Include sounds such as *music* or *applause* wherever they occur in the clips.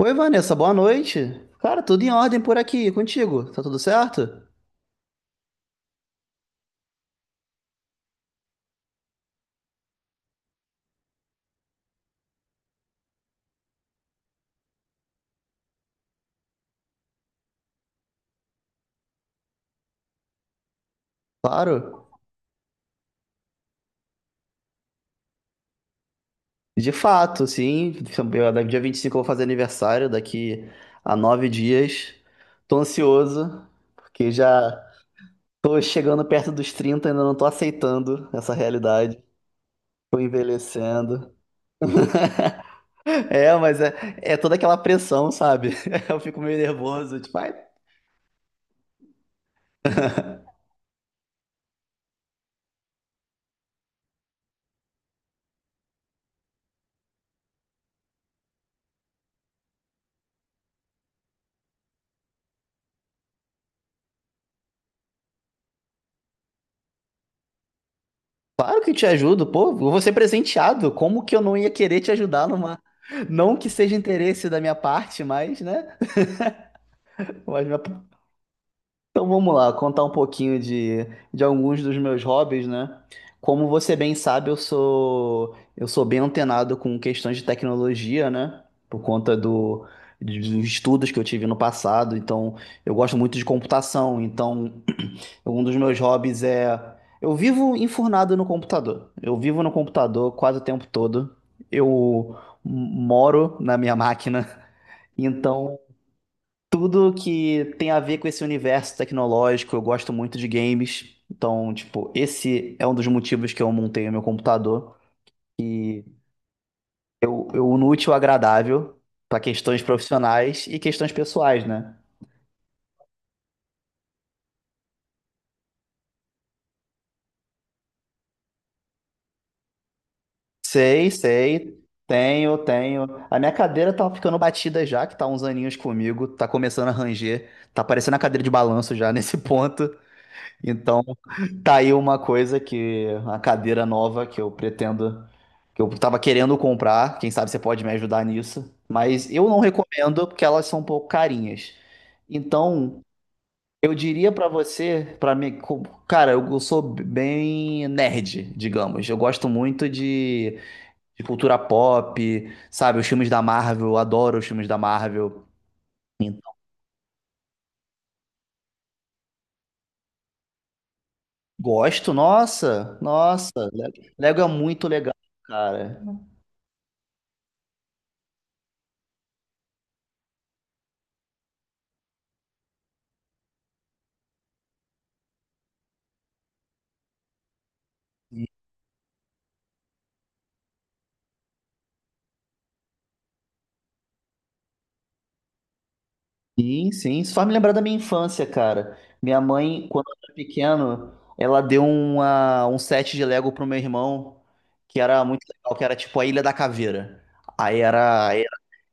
Oi, Vanessa, boa noite. Cara, tudo em ordem por aqui, contigo? Tá tudo certo? Claro. De fato, sim. Dia 25 eu vou fazer aniversário, daqui a 9 dias. Tô ansioso, porque já tô chegando perto dos trinta, ainda não tô aceitando essa realidade. Tô envelhecendo. É, mas é, é toda aquela pressão, sabe? *laughs* Eu fico meio nervoso, tipo, ai. Claro que te ajudo, pô, eu vou ser presenteado. Como que eu não ia querer te ajudar numa. Não que seja interesse da minha parte, mas, né? Mas minha- Então vamos lá, contar um pouquinho de alguns dos meus hobbies, né? Como você bem sabe, eu sou bem antenado com questões de tecnologia, né? Por conta do, dos estudos que eu tive no passado. Então, eu gosto muito de computação. Então, um dos meus hobbies é. Eu vivo enfurnado no computador. Eu vivo no computador quase o tempo todo. Eu moro na minha máquina. *laughs* Então, tudo que tem a ver com esse universo tecnológico, eu gosto muito de games. Então, tipo, esse é um dos motivos que eu montei o meu computador. E eu uno o útil ao agradável para questões profissionais e questões pessoais, né? Sei, sei. Tenho, tenho. A minha cadeira tá ficando batida já, que tá uns aninhos comigo, tá começando a ranger, tá parecendo a cadeira de balanço já nesse *laughs* ponto. Então, tá aí uma coisa que a cadeira nova que eu pretendo, que eu tava querendo comprar, quem sabe você pode me ajudar nisso, mas eu não recomendo porque elas são um pouco carinhas. Então, eu diria pra você, pra mim, cara, eu sou bem nerd, digamos. Eu gosto muito de cultura pop, sabe? Os filmes da Marvel, eu adoro os filmes da Marvel. Então, gosto, nossa, nossa. Lego é muito legal, cara. Sim, sim. Isso faz me lembrar da minha infância, cara. Minha mãe, quando eu era pequeno, ela deu um set de Lego pro meu irmão, que era muito legal, que era tipo a Ilha da Caveira. Aí era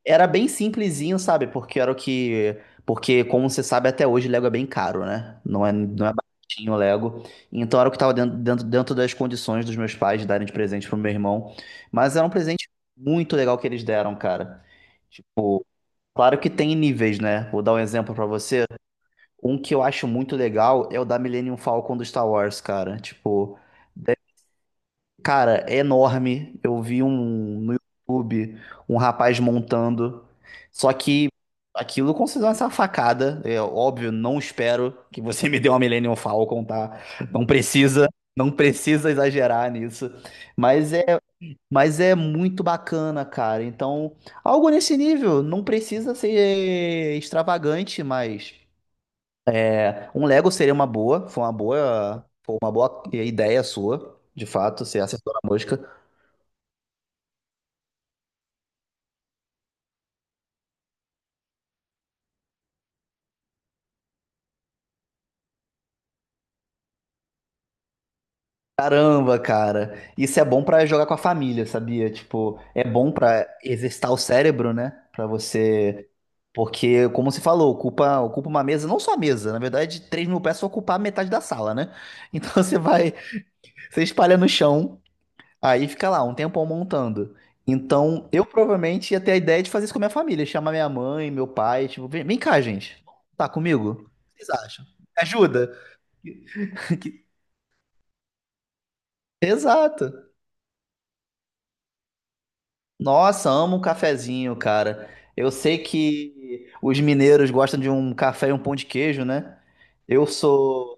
Era bem simplesinho, sabe? Porque era o que. Porque, como você sabe, até hoje Lego é bem caro, né? Não é baratinho o Lego. Então era o que estava dentro das condições dos meus pais de darem de presente pro meu irmão. Mas era um presente muito legal que eles deram, cara. Tipo, claro que tem níveis, né? Vou dar um exemplo pra você. Um que eu acho muito legal é o da Millennium Falcon do Star Wars, cara. Tipo, cara, é enorme. Eu vi um no YouTube, um rapaz montando. Só que aquilo considera uma facada. É óbvio, não espero que você *laughs* me dê uma Millennium Falcon, tá? Não precisa, não precisa exagerar nisso. Mas é, mas é muito bacana, cara. Então, algo nesse nível, não precisa ser extravagante, mas é, um Lego seria uma boa, foi uma boa, foi uma boa ideia sua, de fato, ser acertou na mosca. Caramba, cara. Isso é bom pra jogar com a família, sabia? Tipo, é bom pra exercitar o cérebro, né? Pra você. Porque, como você falou, ocupa uma mesa, não só a mesa, na verdade, 3.000 peças ocupar metade da sala, né? Então *laughs* você vai, você espalha no chão, aí fica lá um tempão montando. Então, eu provavelmente ia ter a ideia de fazer isso com a minha família, chamar minha mãe, meu pai, tipo, vem, vem cá, gente, tá comigo? O que vocês acham? Ajuda? *laughs* Que- exato. Nossa, amo um cafezinho, cara. Eu sei que os mineiros gostam de um café e um pão de queijo, né? Eu sou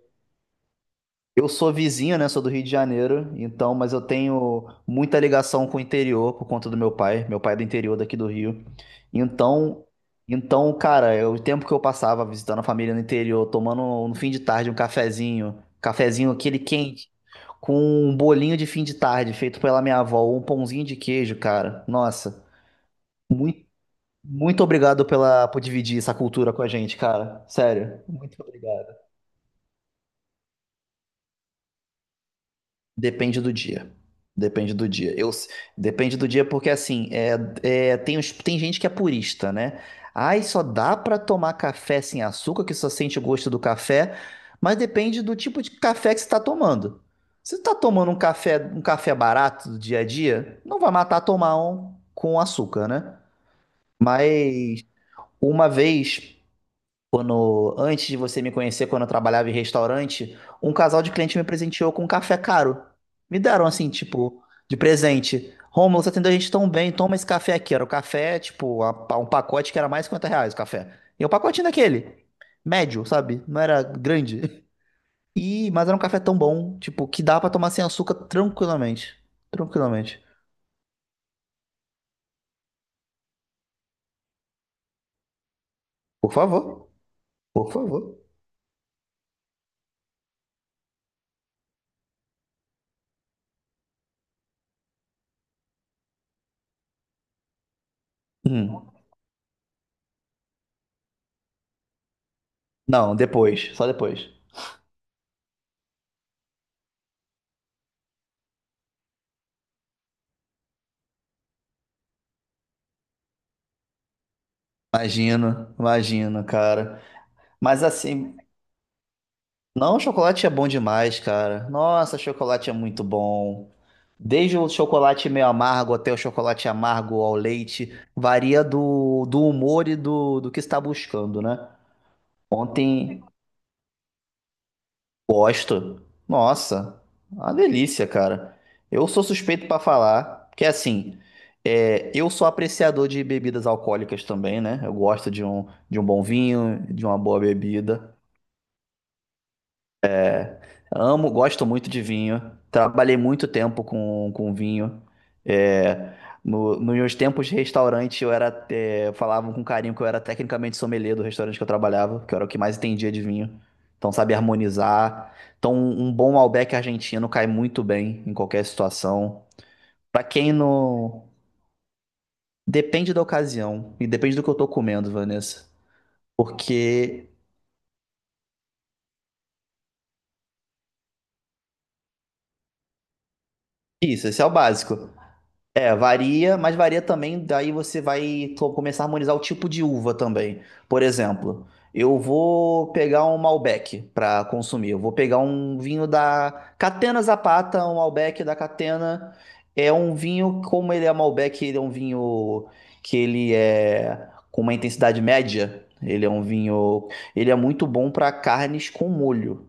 eu sou vizinho, né? Sou do Rio de Janeiro, então, mas eu tenho muita ligação com o interior por conta do meu pai. Meu pai é do interior daqui do Rio. Então, então, cara, eu- o tempo que eu passava visitando a família no interior, tomando no fim de tarde um cafezinho, cafezinho aquele quente, com um bolinho de fim de tarde feito pela minha avó, ou um pãozinho de queijo, cara. Nossa. Muito obrigado pela, por dividir essa cultura com a gente, cara. Sério, muito obrigado. Depende do dia. Depende do dia. Eu, depende do dia porque, assim, tem, tem gente que é purista, né? Ai, só dá pra tomar café sem açúcar, que só sente o gosto do café. Mas depende do tipo de café que você tá tomando. Se você tá tomando um café barato do dia a dia, não vai matar tomar um com açúcar, né? Mas uma vez. Quando, antes de você me conhecer, quando eu trabalhava em restaurante, um casal de cliente me presenteou com um café caro. Me deram assim, tipo, de presente. Rômulo, você atendeu a gente tão bem, toma esse café aqui. Era o café, tipo, um pacote que era mais de R$ 50 o café. E o pacotinho daquele, médio, sabe? Não era grande. *laughs* E, mas era um café tão bom, tipo, que dá pra tomar sem açúcar tranquilamente. Tranquilamente. Por favor, por favor. Hum. Não, depois, só depois. Imagino, imagino, cara. Mas assim, não, chocolate é bom demais, cara. Nossa, chocolate é muito bom. Desde o chocolate meio amargo até o chocolate amargo ao leite, varia do humor e do que está buscando, né? Ontem, gosto. Nossa, uma delícia, cara. Eu sou suspeito pra falar, porque assim, é, eu sou apreciador de bebidas alcoólicas também, né? Eu gosto de um bom vinho, de uma boa bebida. Amo, gosto muito de vinho. Trabalhei muito tempo com vinho. É, nos meus tempos de restaurante, eu era, é, falavam com carinho que eu era tecnicamente sommelier do restaurante que eu trabalhava, que eu era o que mais entendia de vinho. Então, sabe harmonizar. Então, um bom Malbec argentino cai muito bem em qualquer situação. Pra quem não. Depende da ocasião e depende do que eu tô comendo, Vanessa. Porque. Isso, esse é o básico. É, varia, mas varia também, daí você vai começar a harmonizar o tipo de uva também. Por exemplo, eu vou pegar um Malbec para consumir, eu vou pegar um vinho da Catena Zapata, um Malbec da Catena. É um vinho, como ele é Malbec, ele é um vinho que ele é com uma intensidade média. Ele é um vinho, ele é muito bom para carnes com molho.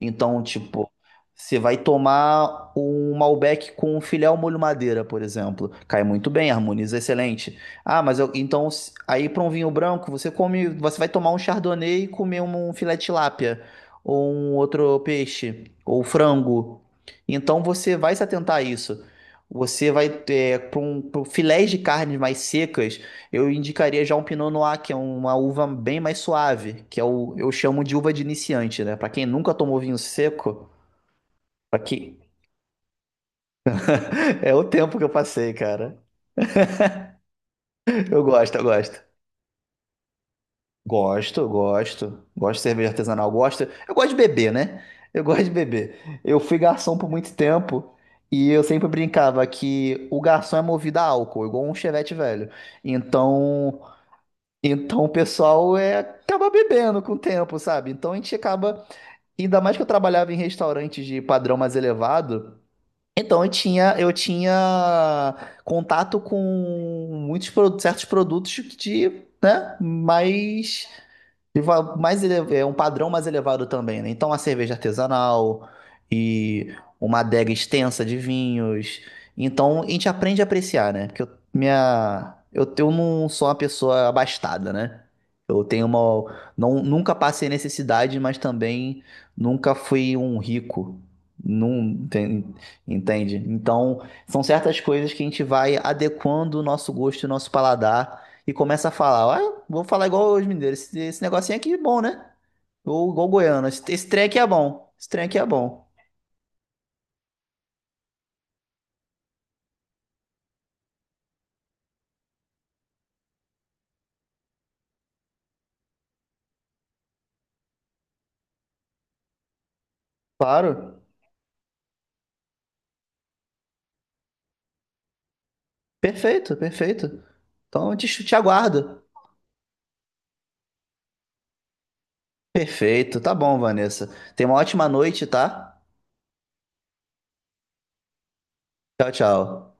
Então, tipo, você vai tomar um Malbec com um filé ao molho madeira, por exemplo. Cai muito bem, harmoniza excelente. Ah, mas eu, então, aí para um vinho branco, você come, você vai tomar um Chardonnay e comer um filé de tilápia, ou um outro peixe, ou frango. Então, você vai se atentar a isso. Você vai ter pra um filés de carnes mais secas, eu indicaria já um Pinot Noir, que é uma uva bem mais suave, que é o, eu chamo de uva de iniciante, né? Pra quem nunca tomou vinho seco, pra quem... *laughs* é o tempo que eu passei, cara. Eu gosto. Gosto, gosto. Gosto de cerveja artesanal, gosto. Eu gosto de beber, né? Eu gosto de beber. Eu fui garçom por muito tempo e eu sempre brincava que o garçom é movido a álcool, igual um chevette velho. Então, então o pessoal é acaba bebendo com o tempo, sabe? Então a gente acaba ainda mais que eu trabalhava em restaurantes de padrão mais elevado, então eu tinha contato com muitos certos produtos né, mais é um padrão mais elevado também, né? Então, a cerveja artesanal e uma adega extensa de vinhos. Então, a gente aprende a apreciar, né? Porque eu não sou uma pessoa abastada, né? Eu tenho uma. Não, nunca passei necessidade, mas também nunca fui um rico. Não, tem- entende? Então, são certas coisas que a gente vai adequando o nosso gosto e o nosso paladar e começa a falar, ah, vou falar igual os mineiros, esse negocinho aqui é bom, né? Ou igual goiano, esse trem aqui é bom, esse trem aqui é bom. Claro, perfeito, perfeito. Então eu te aguardo. Perfeito, tá bom, Vanessa. Tenha uma ótima noite, tá? Tchau, tchau.